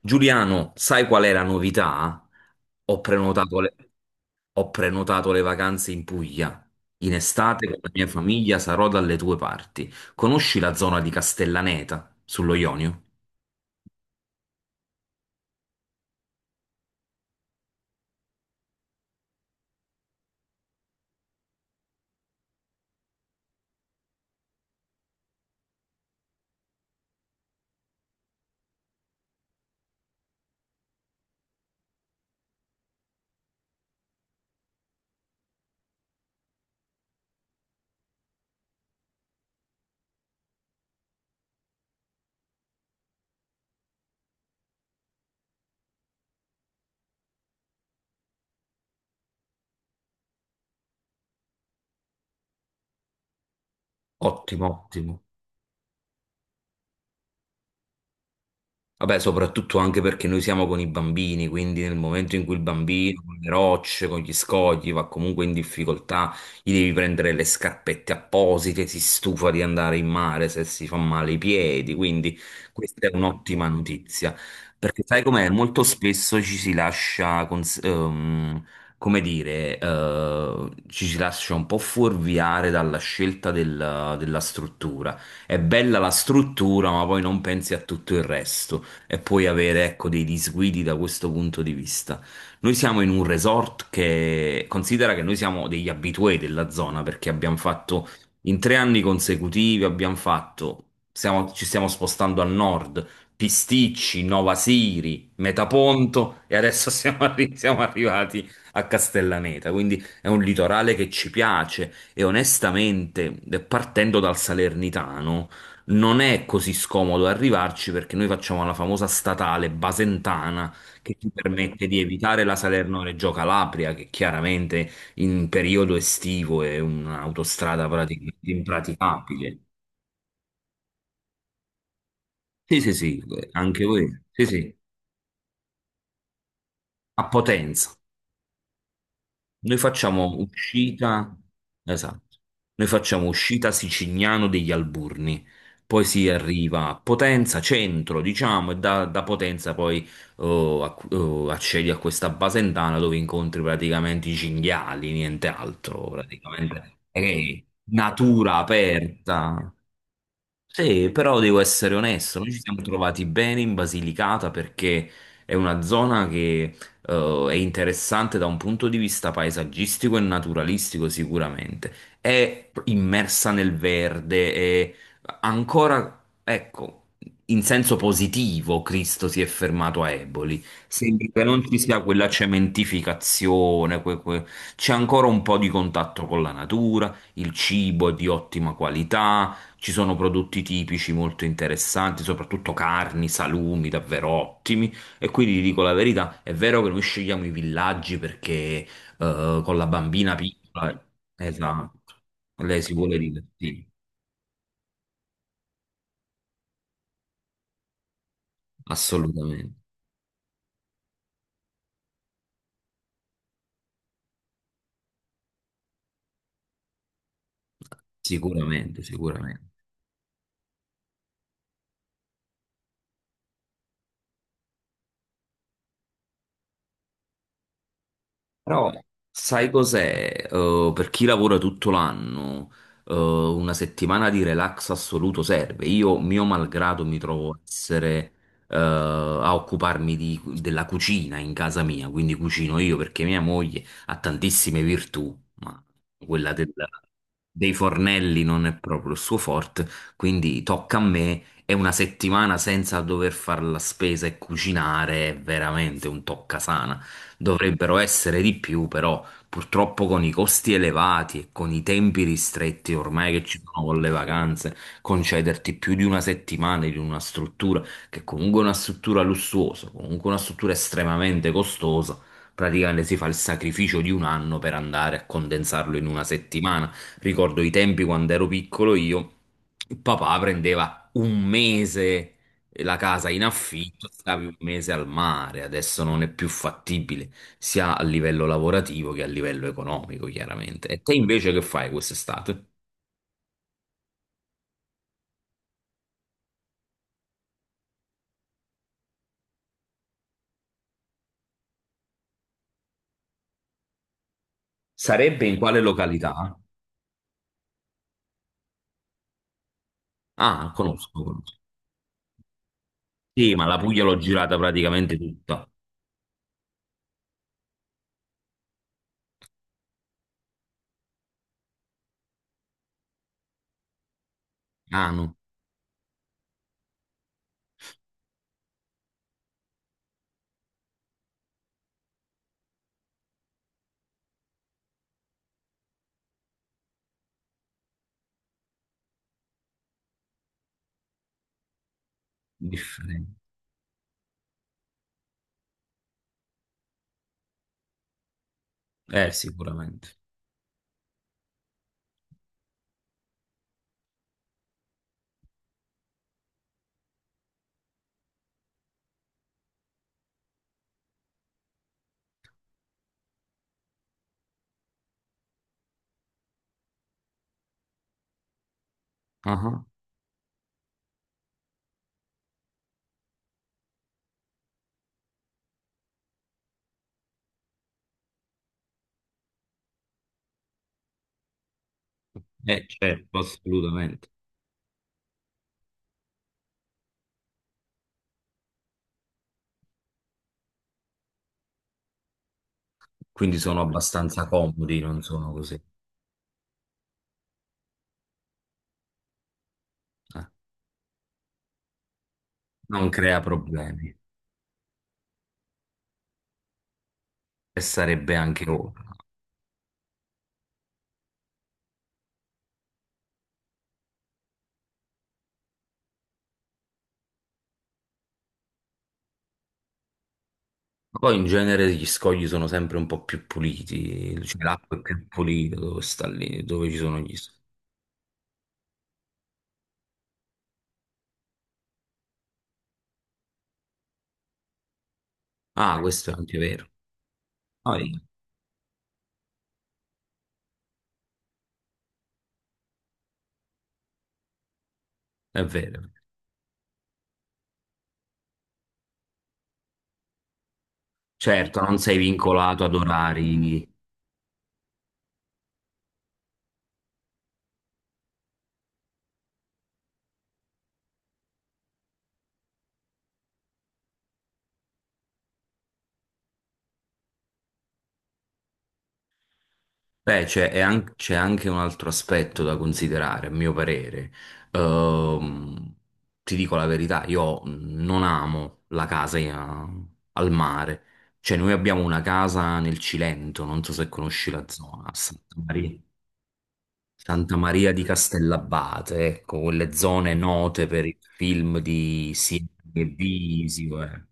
Giuliano, sai qual è la novità? Ho prenotato le, ho prenotato le vacanze in Puglia. In estate con la mia famiglia sarò dalle tue parti. Conosci la zona di Castellaneta, sullo Ionio? Ottimo, ottimo. Vabbè, soprattutto anche perché noi siamo con i bambini, quindi nel momento in cui il bambino con le rocce, con gli scogli va comunque in difficoltà, gli devi prendere le scarpette apposite, si stufa di andare in mare se si fa male i piedi, quindi questa è un'ottima notizia. Perché sai com'è? Molto spesso ci si lascia, come dire, ci si lascia un po' fuorviare dalla scelta della struttura. È bella la struttura, ma poi non pensi a tutto il resto e poi avere, ecco, dei disguidi da questo punto di vista. Noi siamo in un resort che considera che noi siamo degli abitué della zona perché abbiamo fatto in 3 anni consecutivi, abbiamo fatto, ci stiamo spostando a nord, Pisticci, Nova Siri, Metaponto e adesso siamo arrivati a Castellaneta, quindi è un litorale che ci piace e, onestamente, partendo dal Salernitano non è così scomodo arrivarci perché noi facciamo la famosa statale Basentana che ci permette di evitare la Salerno-Reggio Calabria, che chiaramente in periodo estivo è un'autostrada praticamente impraticabile. Sì, sì, sì, anche voi. Sì, sì, a Potenza. Noi facciamo uscita, esatto, noi facciamo uscita Sicignano degli Alburni, poi si arriva a Potenza, centro, diciamo, e da Potenza poi, oh, accedi a questa Basentana dove incontri praticamente i cinghiali, niente altro, praticamente. È natura aperta. Sì, però devo essere onesto, noi ci, sì, siamo trovati bene in Basilicata perché è una zona che è interessante da un punto di vista paesaggistico e naturalistico sicuramente. È immersa nel verde, è ancora, ecco, in senso positivo Cristo si è fermato a Eboli. Sembra che non ci sia quella cementificazione, c'è ancora un po' di contatto con la natura, il cibo è di ottima qualità, ci sono prodotti tipici molto interessanti, soprattutto carni, salumi davvero ottimi. E quindi ti dico la verità, è vero che noi scegliamo i villaggi perché, con la bambina piccola, esatto, lei si vuole divertire, assolutamente, sicuramente, sicuramente. Però sai cos'è? Per chi lavora tutto l'anno, una settimana di relax assoluto serve. Io, mio malgrado, mi trovo a essere, a occuparmi della cucina in casa mia, quindi cucino io perché mia moglie ha tantissime virtù, ma quella dei fornelli non è proprio il suo forte, quindi tocca a me. E una settimana senza dover fare la spesa e cucinare è veramente un toccasana. Dovrebbero essere di più, però purtroppo con i costi elevati e con i tempi ristretti ormai che ci sono con le vacanze, concederti più di una settimana in una struttura che comunque è una struttura lussuosa, comunque una struttura estremamente costosa, praticamente si fa il sacrificio di un anno per andare a condensarlo in una settimana. Ricordo i tempi quando ero piccolo io, il papà prendeva un mese la casa in affitto, stavi un mese al mare, adesso non è più fattibile sia a livello lavorativo che a livello economico, chiaramente. E te invece che fai quest'estate? Sarebbe in quale località? Ah, conosco, conosco. Sì, ma la Puglia l'ho girata praticamente tutta. Ah, no, differente. Sicuramente. Ah, ah. Certo, assolutamente. Quindi sono abbastanza comodi, non sono così. Eh, Non crea problemi. E sarebbe anche ora. Ma poi in genere gli scogli sono sempre un po' più puliti, cioè l'acqua è più pulita dove sta lì, dove ci sono gli scogli. Ah, questo è anche vero. Ah, sì, è vero. Certo, non sei vincolato ad orari. Beh, c'è anche un altro aspetto da considerare, a mio parere. Ehm, Ti dico la verità, io non amo la casa al mare. Cioè, noi abbiamo una casa nel Cilento, non so se conosci la zona, a Santa Maria, Santa Maria di Castellabate, ecco, quelle zone note per il film di Sidney e Visio.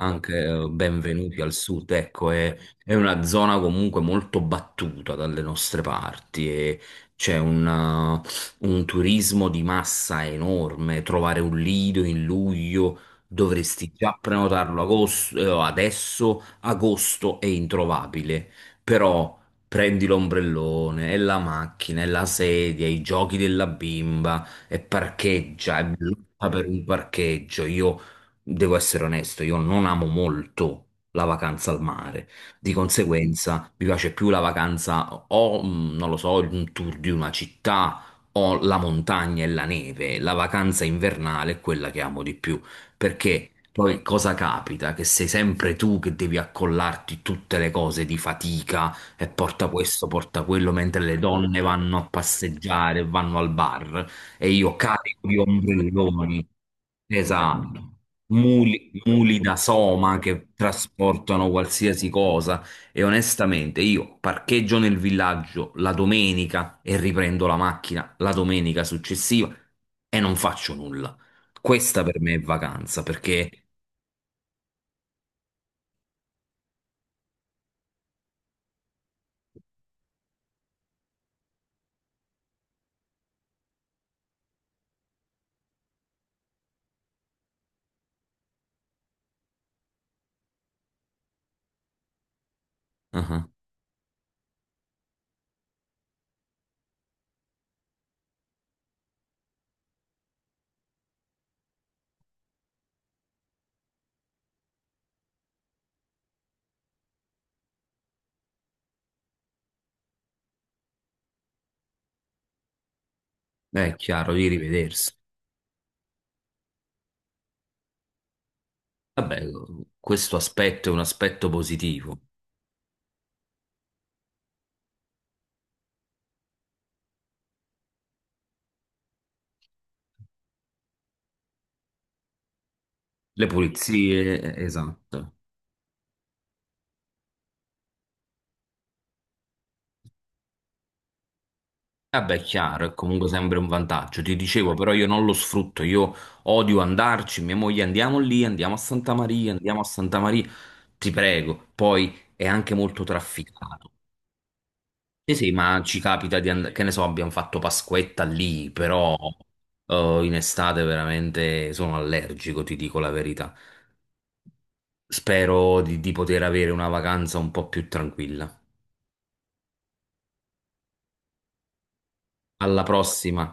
Anche Benvenuti al Sud, ecco, è una zona comunque molto battuta dalle nostre parti e c'è eh, un turismo di massa enorme, trovare un lido in luglio dovresti già prenotarlo, adesso, agosto è introvabile, però prendi l'ombrellone e la macchina e la sedia, i giochi della bimba e parcheggia, e lotta per un parcheggio. Io devo essere onesto, io non amo molto la vacanza al mare. Di conseguenza, mi piace più la vacanza o, non lo so, un tour di una città o la montagna e la neve. La vacanza invernale è quella che amo di più, perché poi cosa capita? Che sei sempre tu che devi accollarti tutte le cose di fatica e porta questo, porta quello, mentre le donne vanno a passeggiare, vanno al bar e io carico di ombrelloni. Esatto, muli, muli da soma che trasportano qualsiasi cosa, e onestamente io parcheggio nel villaggio la domenica e riprendo la macchina la domenica successiva e non faccio nulla. Questa per me è vacanza. Perché, ah, è chiaro, di rivedersi. Vabbè, questo aspetto è un aspetto positivo. Le pulizie, esatto. Ah beh, è chiaro, è comunque sempre un vantaggio. Ti dicevo, però io non lo sfrutto, io odio andarci, mia moglie andiamo lì, andiamo a Santa Maria, andiamo a Santa Maria, ti prego. Poi è anche molto trafficato. Sì, sì, ma ci capita di andare, che ne so, abbiamo fatto Pasquetta lì, però in estate veramente sono allergico, ti dico la verità. Spero di poter avere una vacanza un po' più tranquilla. Alla prossima.